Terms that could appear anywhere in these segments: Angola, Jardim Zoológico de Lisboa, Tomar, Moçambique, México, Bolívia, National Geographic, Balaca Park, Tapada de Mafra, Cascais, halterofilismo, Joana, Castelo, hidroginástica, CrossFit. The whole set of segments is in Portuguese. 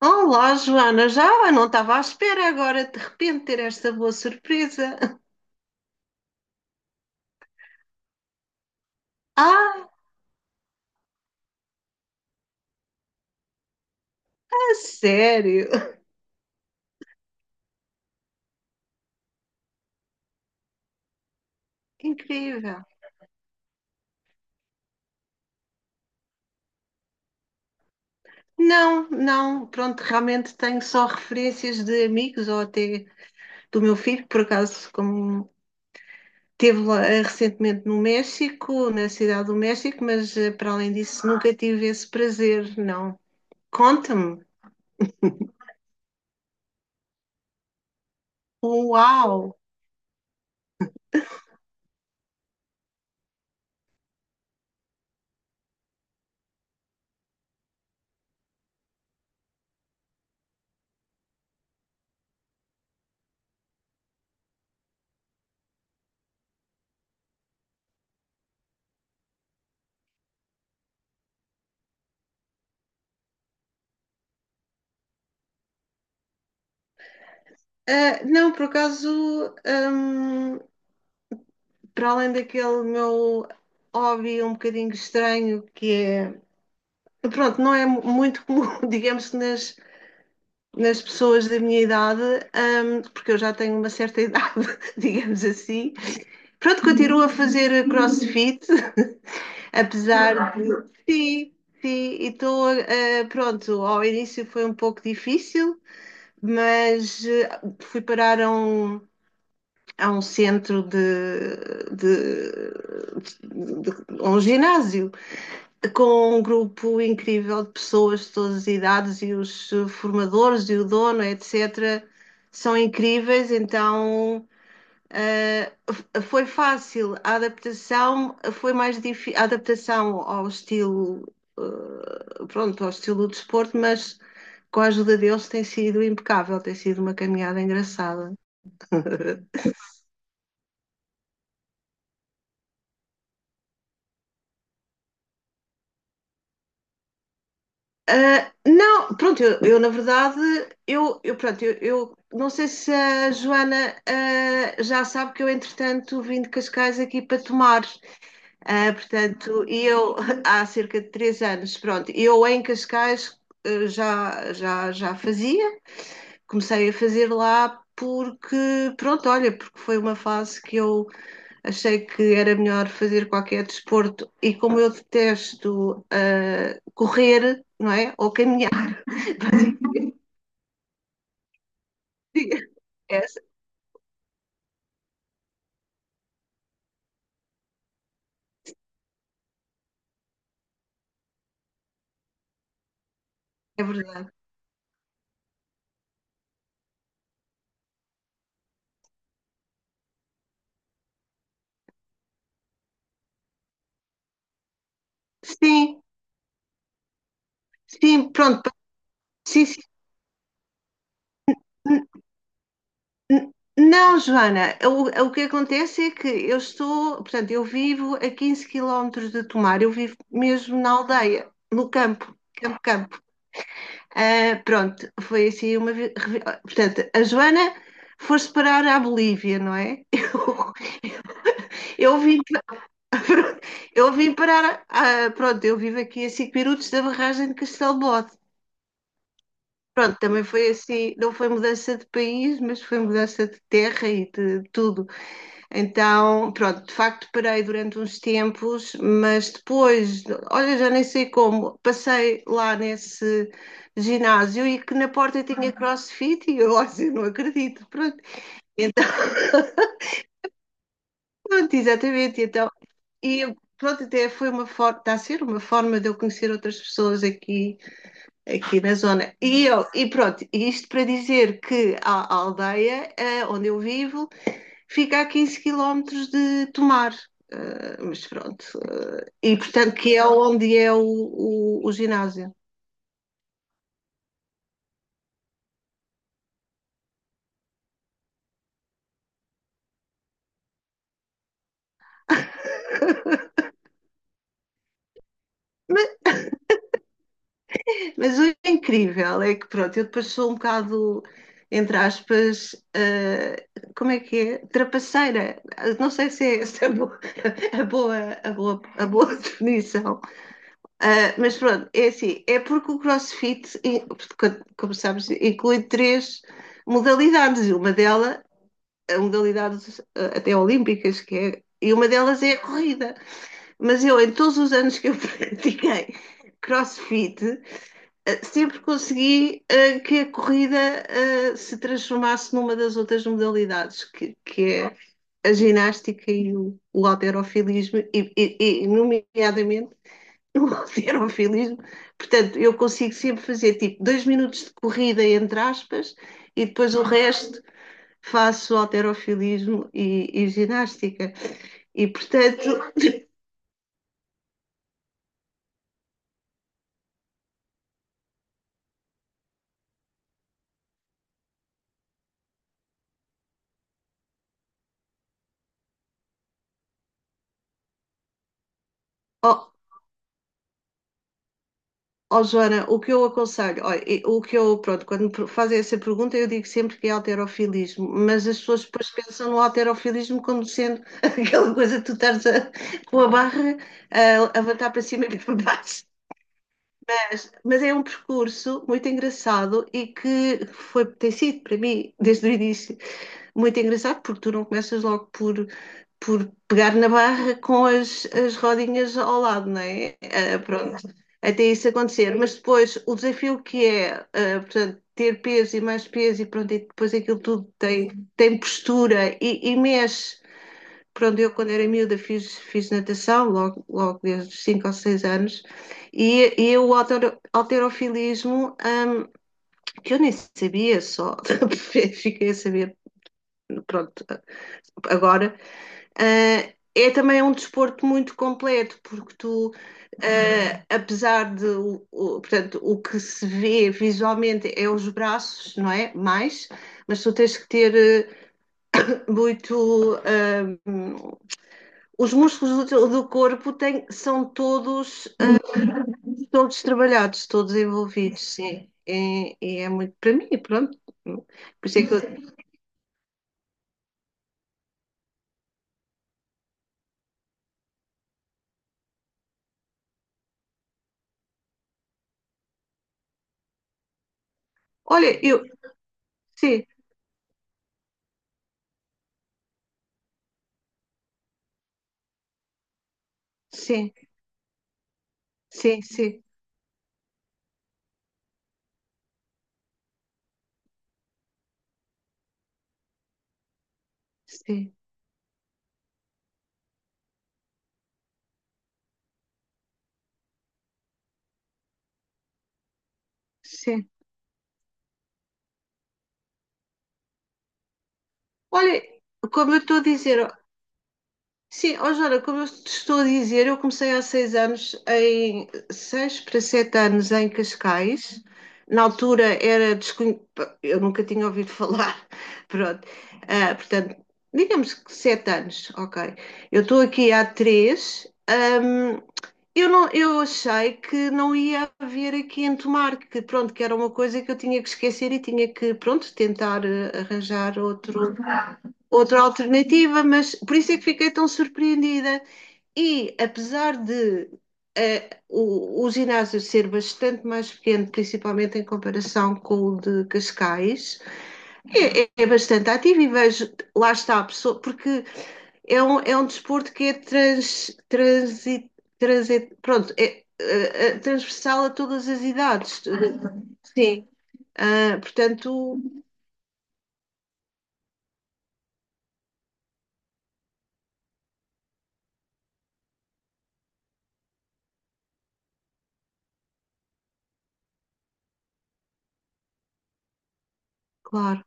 Olá, Joana, não estava à espera agora de repente ter esta boa surpresa. Ah, a sério? Incrível. Não, não, pronto, realmente tenho só referências de amigos ou até do meu filho, por acaso, como esteve lá recentemente no México, na cidade do México, mas para além disso nunca tive esse prazer, não. Conta-me. Uau! Ah, não, por acaso, para além daquele meu hobby um bocadinho estranho, que é, pronto, não é muito comum, digamos nas pessoas da minha idade, porque eu já tenho uma certa idade, digamos assim. Pronto, continuo a fazer crossfit, apesar de. Sim, sim, e estou, pronto, ao início foi um pouco difícil, mas fui parar a um, centro de, de- a um ginásio. Com um grupo incrível de pessoas de todas as idades e os formadores e o dono, etc., são incríveis, então foi fácil. A adaptação foi mais difícil, a adaptação ao estilo, pronto, ao estilo do desporto, mas com a ajuda deles tem sido impecável, tem sido uma caminhada engraçada. Ah, não, pronto, eu, na verdade, eu pronto, eu não sei se a Joana já sabe que eu, entretanto, vim de Cascais aqui para tomar. Ah, portanto, e eu há cerca de 3 anos, pronto, eu em Cascais já fazia, comecei a fazer lá porque, pronto, olha, porque foi uma fase que eu achei que era melhor fazer qualquer desporto e como eu detesto correr, não é, ou caminhar. Fazem fria. Essa é verdade. Sim, sim, pronto. Sim, sim. N- n- Não, Joana, o que acontece é que eu estou, portanto, eu vivo a 15 quilómetros de Tomar, eu vivo mesmo na aldeia, no campo, campo, campo. Ah, pronto, foi assim uma. Portanto, a Joana foi-se parar à Bolívia, não é? Eu, eu vim, pa- eu vim parar, pronto, eu vivo aqui a 5 minutos da barragem de Castelo. Pronto, também foi assim, não foi mudança de país, mas foi mudança de terra e de tudo. Então, pronto, de facto parei durante uns tempos, mas depois, olha, já nem sei como, passei lá nesse ginásio e que na porta tinha CrossFit e eu, olha, eu não acredito, pronto. Então, pronto, exatamente, então, e pronto, até foi uma forma, está a ser uma forma de eu conhecer outras pessoas aqui na zona. E, eu, e pronto, isto para dizer que a aldeia onde eu vivo fica a 15 quilómetros de Tomar. Mas pronto, e portanto que é onde é o ginásio. mas, mas o incrível é que pronto, eu depois sou um bocado, entre aspas, como é que é? Trapaceira. Não sei se é essa a boa, a boa, a boa definição. Ah, mas pronto, é assim, é porque o CrossFit, como sabes, inclui três modalidades, e uma delas, até olímpicas, e uma delas é a corrida. Mas eu, em todos os anos que eu pratiquei CrossFit, sempre consegui que a corrida se transformasse numa das outras modalidades, que é a ginástica e o halterofilismo, nomeadamente o alterofilismo. Portanto, eu consigo sempre fazer tipo 2 minutos de corrida, entre aspas, e depois o resto faço alterofilismo e ginástica. E portanto, oh, oh, Joana, o que eu aconselho, pronto, quando me fazem essa pergunta, eu digo sempre que é alterofilismo, mas as pessoas depois pensam no alterofilismo como sendo aquela coisa que tu estás a, com a barra a levantar para cima e para baixo. Mas é um percurso muito engraçado e que foi, tem sido para mim, desde o início, muito engraçado, porque tu não começas logo por, pegar na barra com as rodinhas ao lado, não é? Ah, pronto, até isso acontecer. Mas depois o desafio que é, portanto, ter peso e mais peso e pronto, e depois aquilo tudo tem, postura e mexe. Pronto, eu quando era miúda fiz natação, logo, logo desde os 5 ou 6 anos, e o halterofilismo, que eu nem sabia só, fiquei a saber, pronto, agora, é também um desporto muito completo, porque tu, apesar de, portanto, o que se vê visualmente é os braços, não é? Mas tu tens que ter muito, os músculos do, do corpo são todos, todos trabalhados, todos envolvidos, sim. E é muito para mim, pronto. Por isso é que eu, olha, eu, sim, sim, sim, sim, sim, sim. Olha, como eu estou a dizer Sim, ó Joana, como eu te estou a dizer, eu comecei há 6 anos, em 6 para 7 anos em Cascais. Na altura era desconhecido, eu nunca tinha ouvido falar, pronto. Ah, portanto, digamos que 7 anos, ok. Eu estou aqui há três. Eu não, eu achei que não ia haver aqui em Tomar, que pronto, que era uma coisa que eu tinha que esquecer e tinha que, pronto, tentar arranjar outro outra alternativa, mas por isso é que fiquei tão surpreendida. E apesar de o ginásio ser bastante mais pequeno, principalmente em comparação com o de Cascais, é bastante ativo e vejo, lá está a pessoa, porque é um desporto que é trans, transi, trans pronto, é, transversal a todas as idades. Sim. Ah, portanto, claro,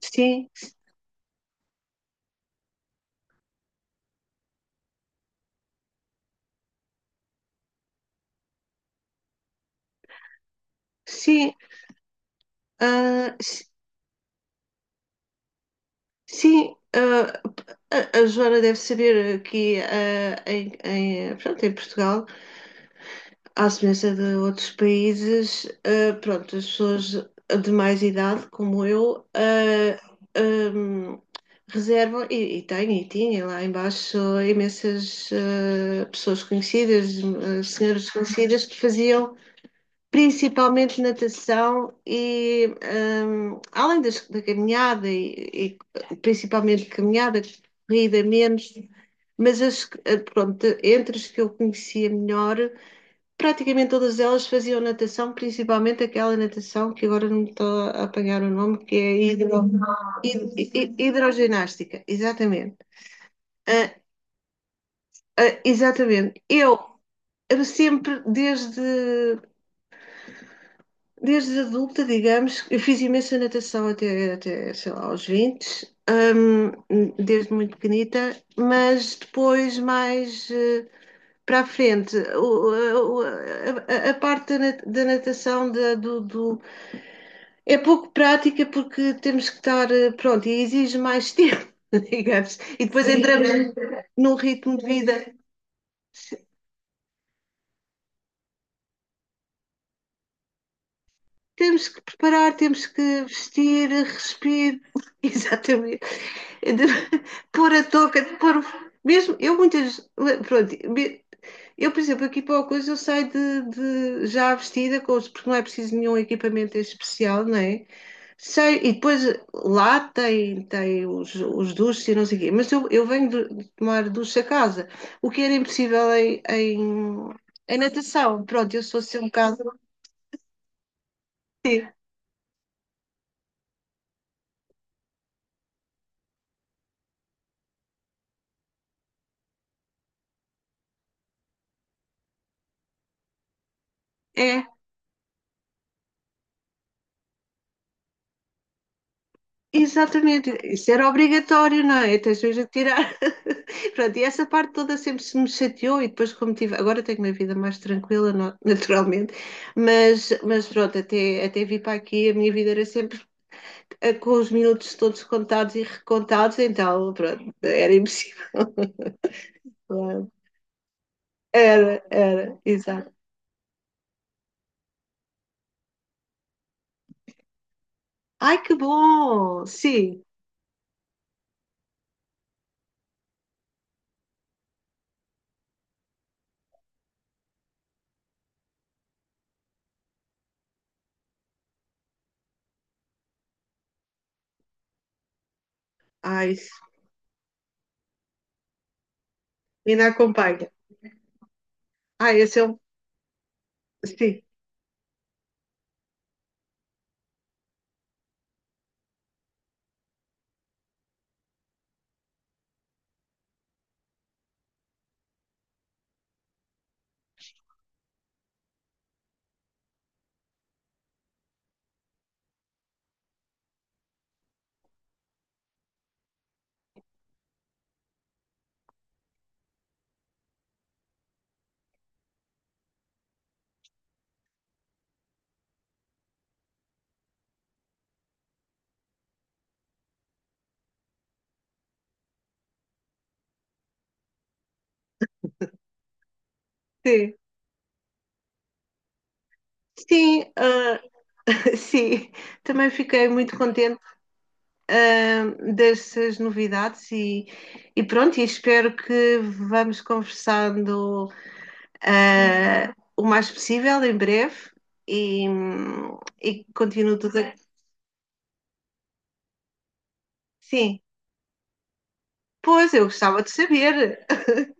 sim, sim. Ah, sim. Sim, a Joana deve saber que pronto, em Portugal, à semelhança de outros países, pronto, as pessoas de mais idade, como eu, ahm, reservam, e têm, e tinha lá embaixo imensas pessoas conhecidas, senhoras conhecidas que faziam. Principalmente natação e além da caminhada e principalmente caminhada, corrida menos, mas pronto, entre as que eu conhecia melhor, praticamente todas elas faziam natação, principalmente aquela natação que agora não me estou a apanhar o nome, que é hidroginástica, exatamente. Ah, ah, exatamente. Eu sempre, desde adulta, digamos, eu fiz imensa natação até, sei lá, aos 20, desde muito pequenita, mas depois, mais para a frente, a parte da natação é pouco prática porque temos que estar, pronto, e exige mais tempo, digamos, e depois entramos num ritmo de vida. Temos que preparar, temos que vestir, respirar, exatamente, pôr a touca, mesmo, pronto, eu, por exemplo, aqui para a coisa eu saio de, já vestida, com porque não é preciso nenhum equipamento especial, não é? Sei, e depois lá tem os duches e não sei o quê, mas eu venho de tomar duche a casa, o que era impossível em, natação. Pronto, eu sou assim um bocado. É. Exatamente, isso era obrigatório, não é? Tens mesmo que tirar. Pronto, e essa parte toda sempre se me chateou e depois como tive, agora tenho uma vida mais tranquila, naturalmente, mas pronto, até vir para aqui a minha vida era sempre com os minutos todos contados e recontados, então pronto, era impossível. Claro. Era, era, exato. Ai, que bom! Sim, ai, ainda acompanha. Ai, esse é um. Sim, sim. Sim, Sim, também fiquei muito contente ah, dessas novidades e pronto, e espero que vamos conversando o mais possível em breve e, e continuo tudo aqui. Sim, pois eu gostava de saber.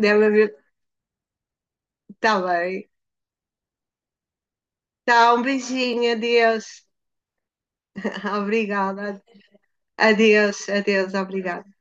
Deve haver. Está bem. Tá, um beijinho, adeus. Obrigada. Adeus, adeus, obrigada.